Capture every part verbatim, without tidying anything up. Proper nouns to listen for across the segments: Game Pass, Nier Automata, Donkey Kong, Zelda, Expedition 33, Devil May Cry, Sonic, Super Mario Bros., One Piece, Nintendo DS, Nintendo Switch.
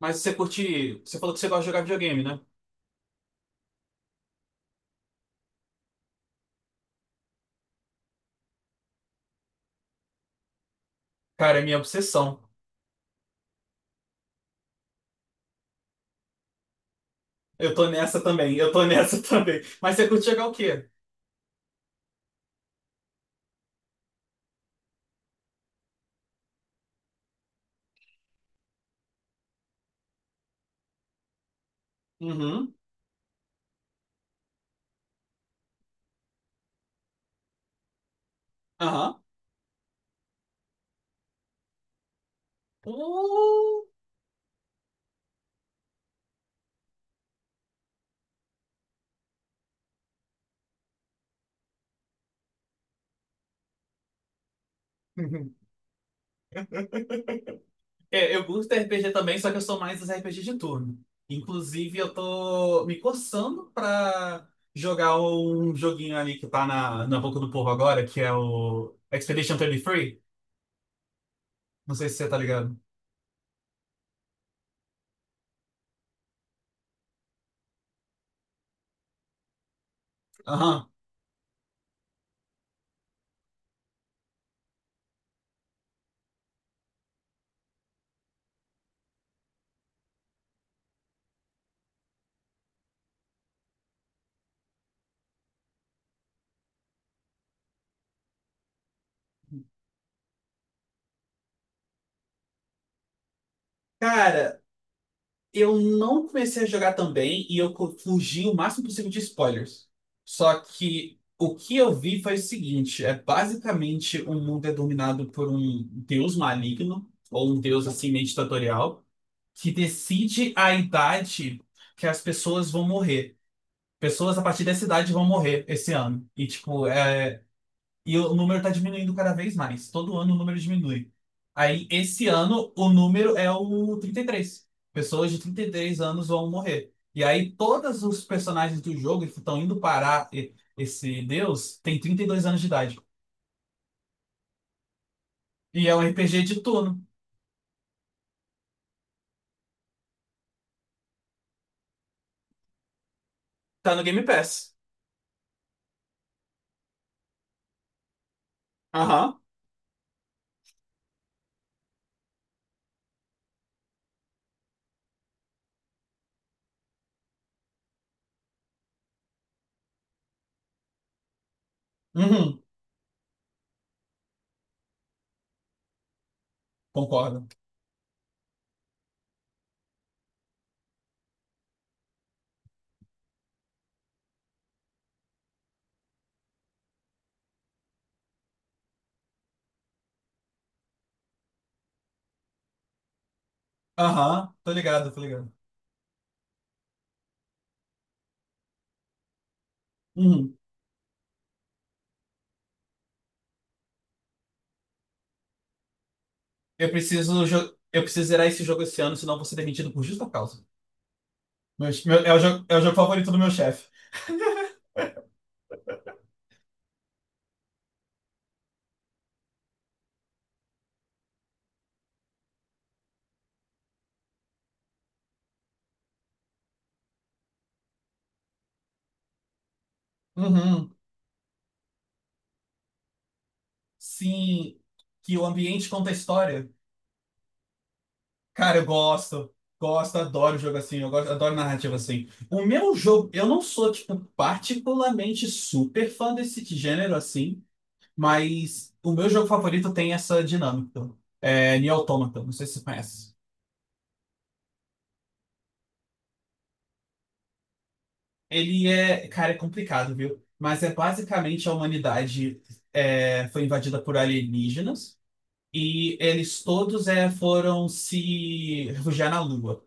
Mas você curte. Você falou que você gosta de jogar videogame, né? Cara, é minha obsessão. Eu tô nessa também, eu tô nessa também. Mas você curte jogar o quê? Uhum. Aham. Uh. É, eu curto R P G também, só que eu sou mais dos R P G de turno. Inclusive, eu tô me coçando pra jogar um joguinho ali que tá na, na boca do povo agora, que é o Expedition trinta e três. Não sei se você tá ligado. Aham. Cara, eu não comecei a jogar também e eu co- fugi o máximo possível de spoilers. Só que o que eu vi foi o seguinte: é basicamente o mundo é dominado por um deus maligno, ou um deus assim meio ditatorial, que decide a idade que as pessoas vão morrer. Pessoas a partir dessa idade vão morrer esse ano. E, tipo, é e o número está diminuindo cada vez mais. Todo ano o número diminui. Aí, esse ano, o número é o trinta e três. Pessoas de trinta e três anos vão morrer. E aí, todos os personagens do jogo que estão indo parar e- esse Deus tem trinta e dois anos de idade. E é um R P G de turno. Tá no Game Pass. Aham. Uhum, concordo. Aham, tô ligado, tô ligado. Uhum. Eu preciso, jo- eu preciso zerar esse jogo esse ano, senão eu vou ser demitido por justa causa. Meu- meu- é o jogo, é o jogo favorito do meu chefe. Uhum, sim, que o ambiente conta a história. Cara, eu gosto, gosto, adoro jogo assim, eu gosto, adoro narrativa assim. O meu jogo, eu não sou, tipo, particularmente super fã desse gênero assim, mas o meu jogo favorito tem essa dinâmica. É Nier Automata, não sei se você conhece. Ele é, cara, é complicado, viu? Mas é basicamente a humanidade é, foi invadida por alienígenas. E eles todos é, foram se refugiar na Lua.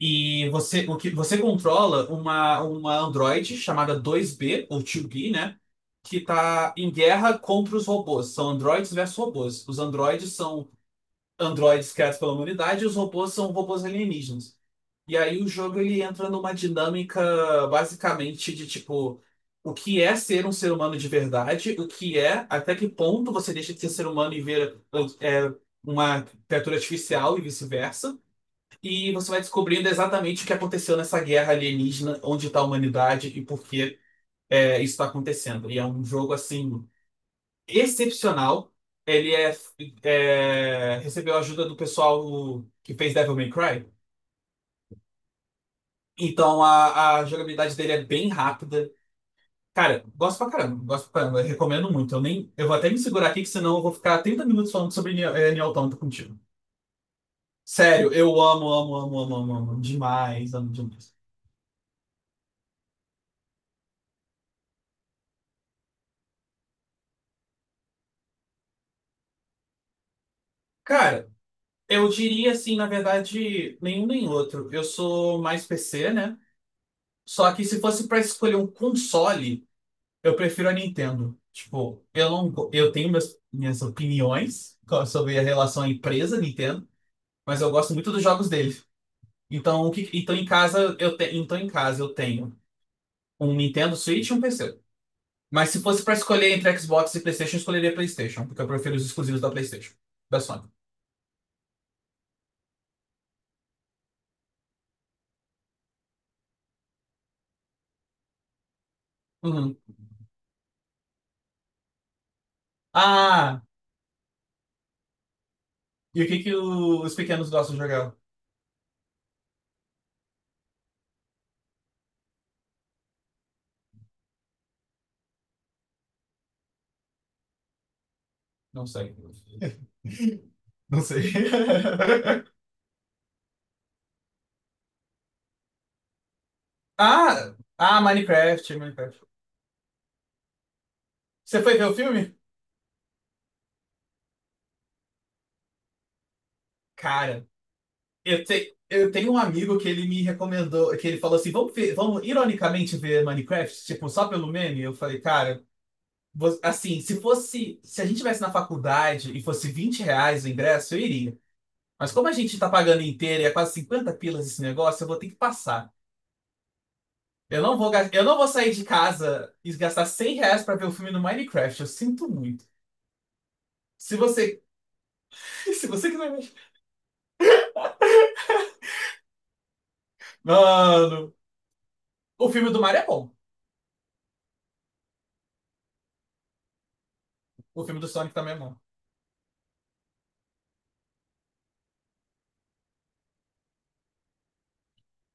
E você, o que, você controla uma, uma androide chamada dois B, ou dois B, né? Que tá em guerra contra os robôs. São androides versus robôs. Os androides são androides criados pela humanidade e os robôs são robôs alienígenas. E aí o jogo ele entra numa dinâmica basicamente de tipo o que é ser um ser humano de verdade, o que é, até que ponto você deixa de ser ser humano e ver é, uma criatura artificial e vice-versa. E você vai descobrindo exatamente o que aconteceu nessa guerra alienígena, onde está a humanidade e por que é, isso está acontecendo. E é um jogo assim excepcional. Ele é, é recebeu a ajuda do pessoal que fez Devil May Cry. Então a, a jogabilidade dele é bem rápida. Cara, gosto pra caramba, gosto pra caramba, recomendo muito. Eu nem, eu vou até me segurar aqui, que senão eu vou ficar trinta minutos falando sobre Nier eh, Nier Automata contigo. Sério, eu amo, amo, amo, amo, amo, amo demais, amo demais. Cara, eu diria assim, na verdade, nenhum nem outro. Eu sou mais P C, né? Só que se fosse pra escolher um console, eu prefiro a Nintendo. Tipo, eu não, go- eu tenho meus, minhas opiniões sobre a relação à empresa Nintendo, mas eu gosto muito dos jogos dele. Então, o que, então em casa eu te, então em casa eu tenho um Nintendo Switch e um P C. Mas se fosse pra escolher entre Xbox e PlayStation, eu escolheria PlayStation, porque eu prefiro os exclusivos da PlayStation, da Sony. Uhum. Ah, e o que que o- os pequenos gostam de jogar? Não sei. Não sei. Ah, ah, Minecraft, Minecraft. Você foi ver o filme? Cara, eu, te, eu tenho um amigo que ele me recomendou, que ele falou assim, vamos ver, vamos ironicamente ver Minecraft, tipo, só pelo meme. Eu falei, cara, vo- assim, se fosse. Se a gente tivesse na faculdade e fosse vinte reais o ingresso, eu iria. Mas como a gente tá pagando inteiro e é quase cinquenta pilas esse negócio, eu vou ter que passar. Eu não vou, gas- eu não vou sair de casa e gastar cem reais pra ver o filme no Minecraft. Eu sinto muito. Se você. Se você quiser. Mano, o filme do Mario é bom. O filme do Sonic também é bom.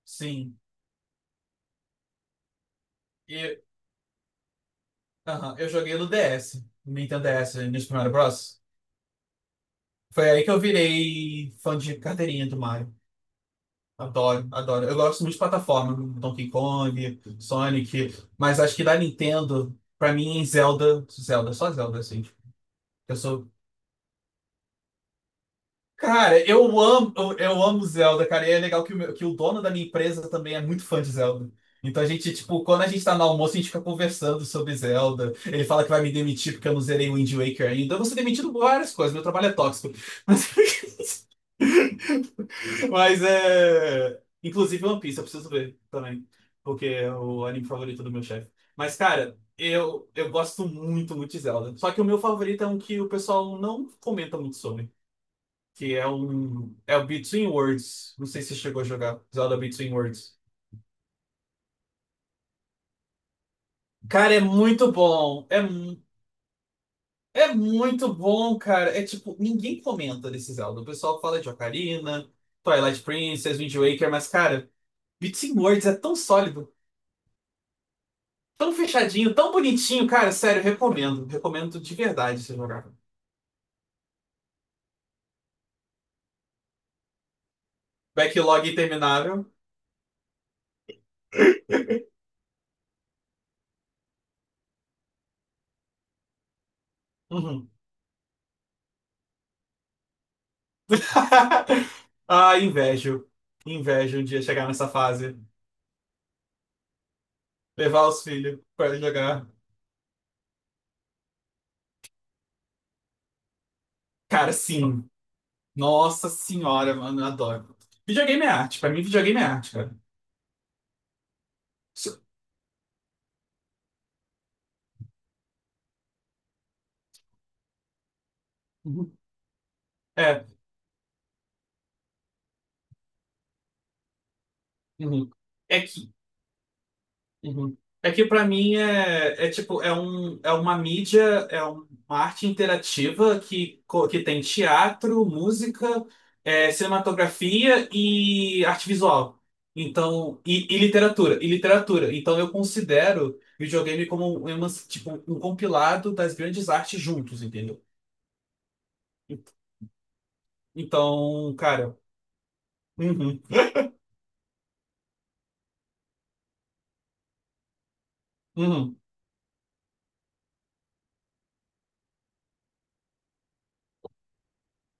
Sim. E, aham, eu joguei no D S, no Nintendo D S, no Super Mario Bros. Foi aí que eu virei fã de carteirinha do Mario. Adoro, adoro. Eu gosto muito de plataforma, Donkey Kong, Sonic, mas acho que da Nintendo, pra mim, Zelda, Zelda, só Zelda, assim. Eu sou. Cara, eu amo, eu, eu amo Zelda, cara, e é legal que o, meu- que o dono da minha empresa também é muito fã de Zelda. Então a gente, tipo, quando a gente tá no almoço, a gente fica conversando sobre Zelda. Ele fala que vai me demitir porque eu não zerei o Wind Waker ainda. Eu vou ser demitido por várias coisas, meu trabalho é tóxico. Mas... Mas é. Inclusive One Piece, eu preciso ver também. Porque é o anime favorito do meu chefe. Mas, cara, eu, eu gosto muito, muito de Zelda. Só que o meu favorito é um que o pessoal não comenta muito sobre. Que é um. É o Between Worlds. Não sei se você chegou a jogar. Zelda Between Worlds. Cara, é muito bom. É, mu- é muito bom, cara. É tipo, ninguém comenta desse Zelda. O pessoal fala de Ocarina, Twilight Princess, Wind Waker, mas, cara, Between Worlds é tão sólido. Tão fechadinho, tão bonitinho, cara, sério, recomendo. Recomendo de verdade você jogar. Backlog interminável. Uhum. Ah, invejo. Invejo um dia chegar nessa fase. Levar os filhos pra jogar. Cara, sim. Nossa senhora, mano, eu adoro. Videogame é arte. Pra mim, videogame é arte, cara. Isso- Uhum. É. Uhum. É que Uhum. É que pra mim é, é tipo, é, um, é uma mídia, é uma arte interativa que, co- que tem teatro, música, é, cinematografia e arte visual. Então, e, e literatura, e literatura. Então eu considero videogame como um, é uma, tipo, um compilado das grandes artes juntos, entendeu? Então, cara, uhum, uhum.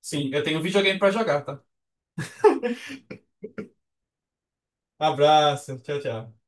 Sim, eu tenho um videogame pra jogar, tá? Abraço, tchau, tchau.